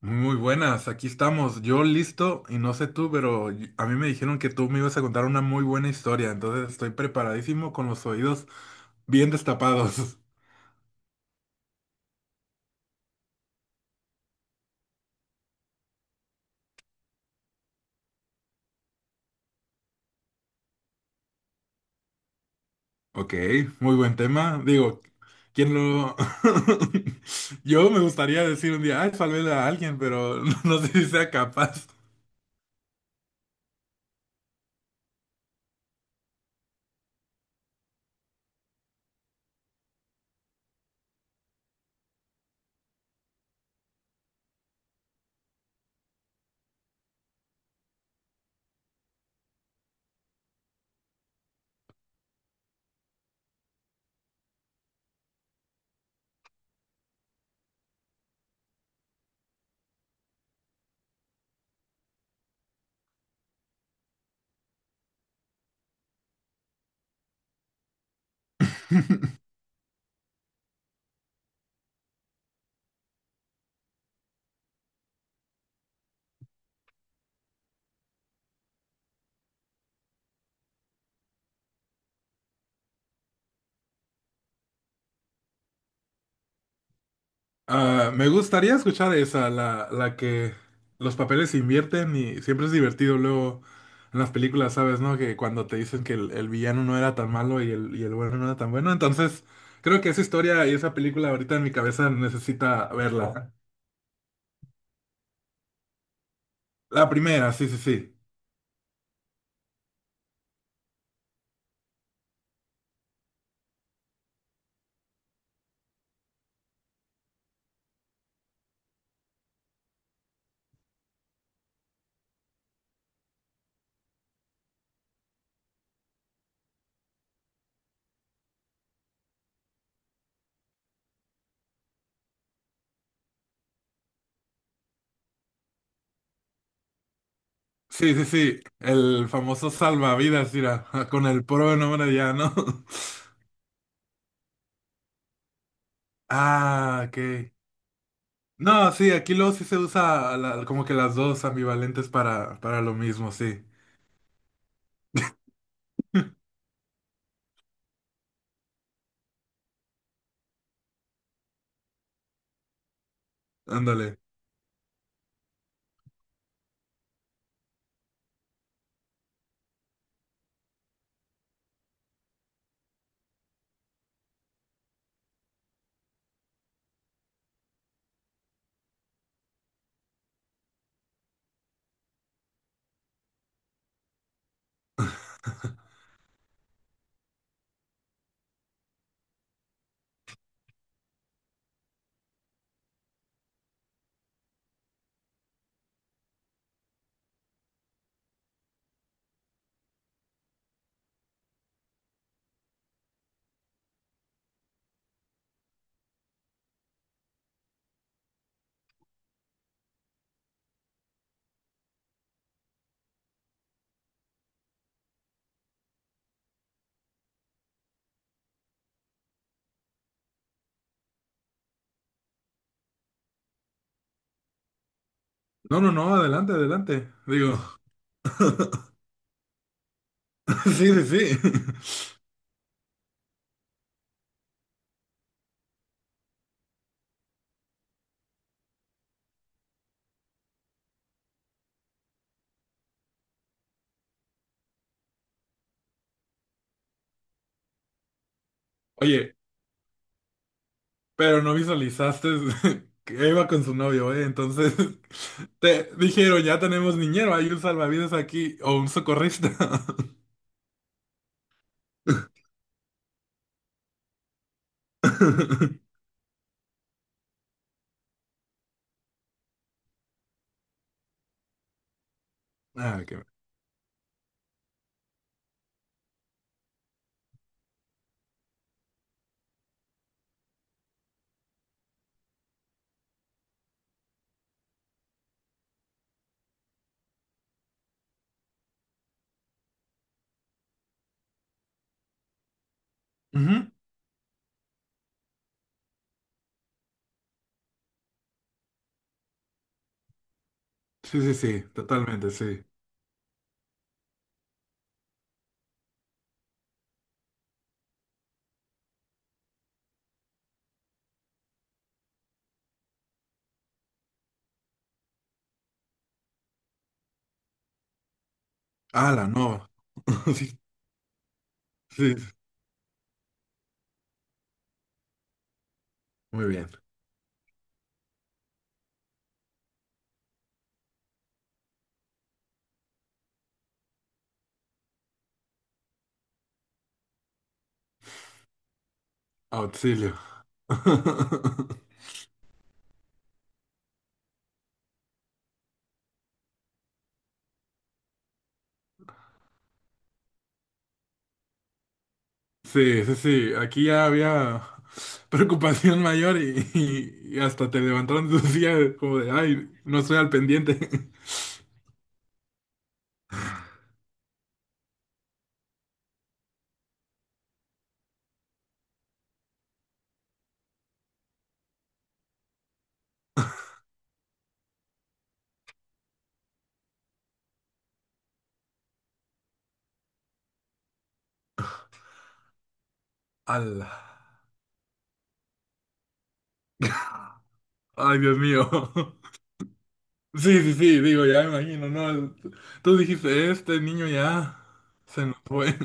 Muy buenas, aquí estamos. Yo listo y no sé tú, pero a mí me dijeron que tú me ibas a contar una muy buena historia, entonces estoy preparadísimo con los oídos bien destapados. Ok, muy buen tema. Digo, ¿quién lo...? Yo me gustaría decir un día, ay, salvé a alguien, pero no sé si sea capaz. Ah, me gustaría escuchar esa, la que los papeles se invierten y siempre es divertido luego en las películas, ¿sabes, no? Que cuando te dicen que el villano no era tan malo y el bueno no era tan bueno. Entonces, creo que esa historia y esa película ahorita en mi cabeza necesita verla. La primera, sí, sí, sí. Sí, sí, sí. El famoso salvavidas, mira, con el pro nombre ya, ¿no? Ah, ok. No, sí, aquí luego sí se usa como que las dos ambivalentes para lo mismo, sí. Ándale. No, no, no, adelante, adelante. Digo, sí, sí, sí. Oye, pero no visualizaste que iba con su novio, ¿eh? Entonces, te dijeron, ya tenemos niñero, hay un salvavidas aquí o un socorrista. Ah, qué... Ujú. Sí, sí, sí, totalmente, sí. Ala, no. Sí, sí, muy bien. ¡Auxilio! Sí, sí, sí, aquí ya había preocupación mayor y, y hasta te levantaron de tu silla como de, ay, no estoy al pendiente. Ala. Ay, Dios mío. Sí, sí, sí, digo, ya me imagino, ¿no? Tú dijiste, este niño ya se nos fue.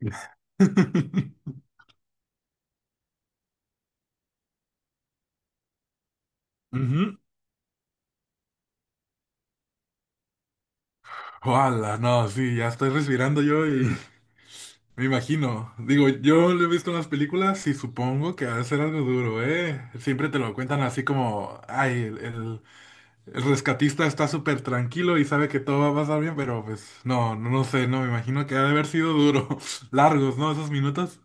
Ujú. Ala, no, sí, ya estoy respirando yo y... Me imagino. Digo, yo lo he visto en las películas y supongo que ha de ser algo duro, ¿eh? Siempre te lo cuentan así como, ay, el rescatista está súper tranquilo y sabe que todo va a pasar bien, pero pues no, no, no sé, no, me imagino que ha de haber sido duro. Largos, ¿no? Esos minutos.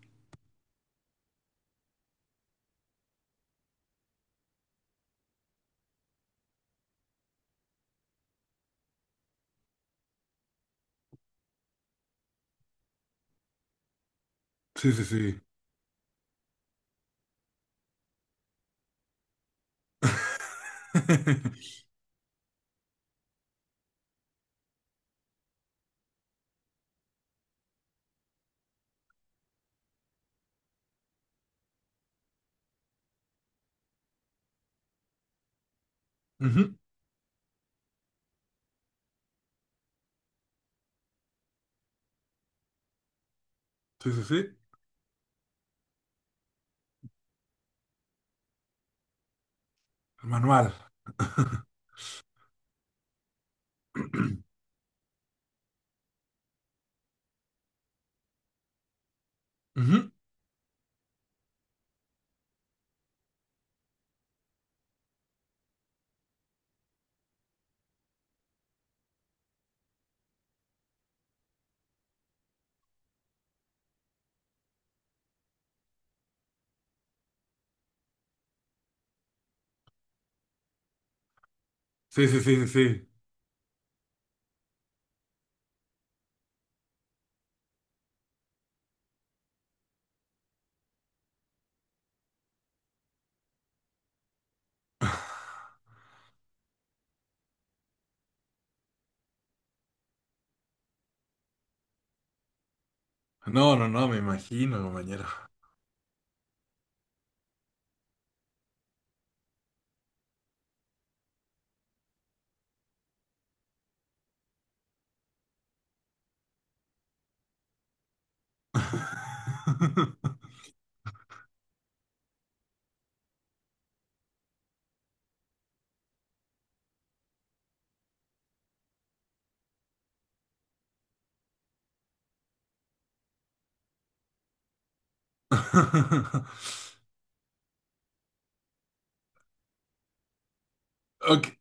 Sí, sí, sí. Ujú, sí, sí, sí. El manual. Ujú, sí, sí, sí, sí, sí. No, no, no, me imagino, compañero. Ok,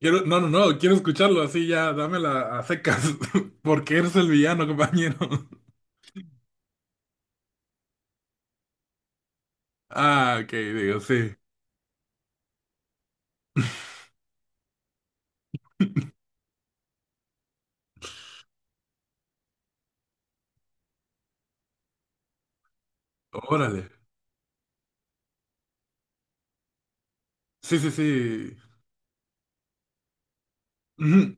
quiero, no, no, no, quiero escucharlo así ya, dámela a secas, porque eres el villano, compañero. Ah, ok, digo, sí. Órale. Sí, sí, sí. Ujú.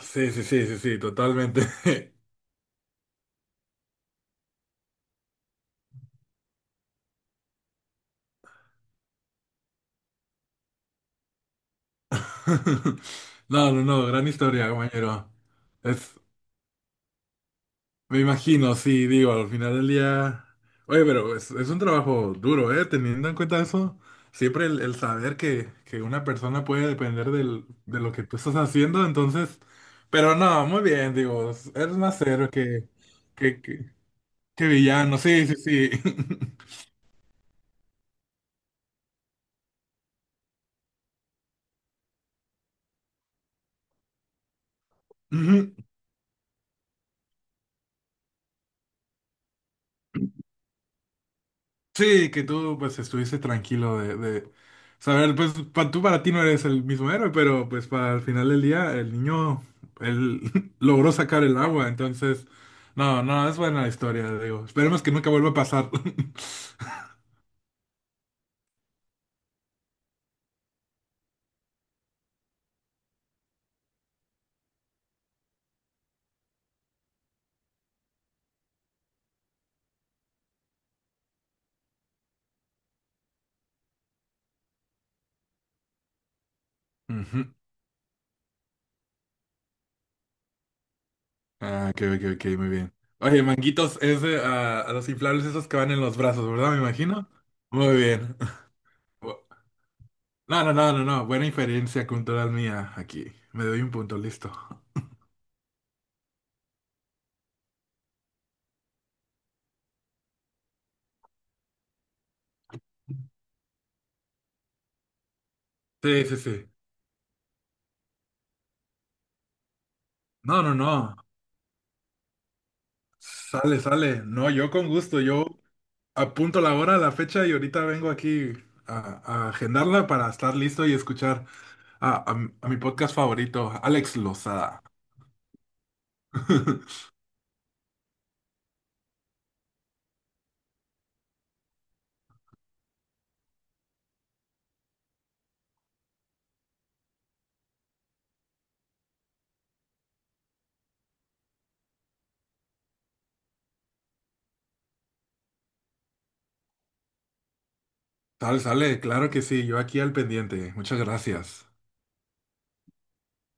Sí, sí, sí, sí, sí, totalmente. No, no, no, gran historia, compañero. Es, me imagino, sí, digo, al final del día. Oye, pero es un trabajo duro, ¿eh? Teniendo en cuenta eso, siempre el saber que una persona puede depender del, de lo que tú estás haciendo, entonces. Pero no, muy bien, digo, eres más héroe que, que, que villano, sí, sí, sí. Ujú. Sí, que tú pues estuviste tranquilo de saber, pues tú para ti no eres el mismo héroe, pero pues para el final del día el niño, él logró sacar el agua, entonces, no, no, es buena la historia, digo, esperemos que nunca vuelva a pasar. Ujú. Ah, ok, ok, ok, muy bien. Oye, manguitos, es de, ah, a los inflables esos que van en los brazos, ¿verdad? Me imagino. Muy bien. No, no, no, no, no, buena inferencia cultural mía aquí, me doy un punto, listo. Sí, sí, sí. No, no, no. Sale, sale. No, yo con gusto. Yo apunto la hora, la fecha y ahorita vengo aquí a, agendarla para estar listo y escuchar a, a mi podcast favorito, Alex Lozada. Sale, sale. Claro que sí. Yo aquí al pendiente. Muchas gracias.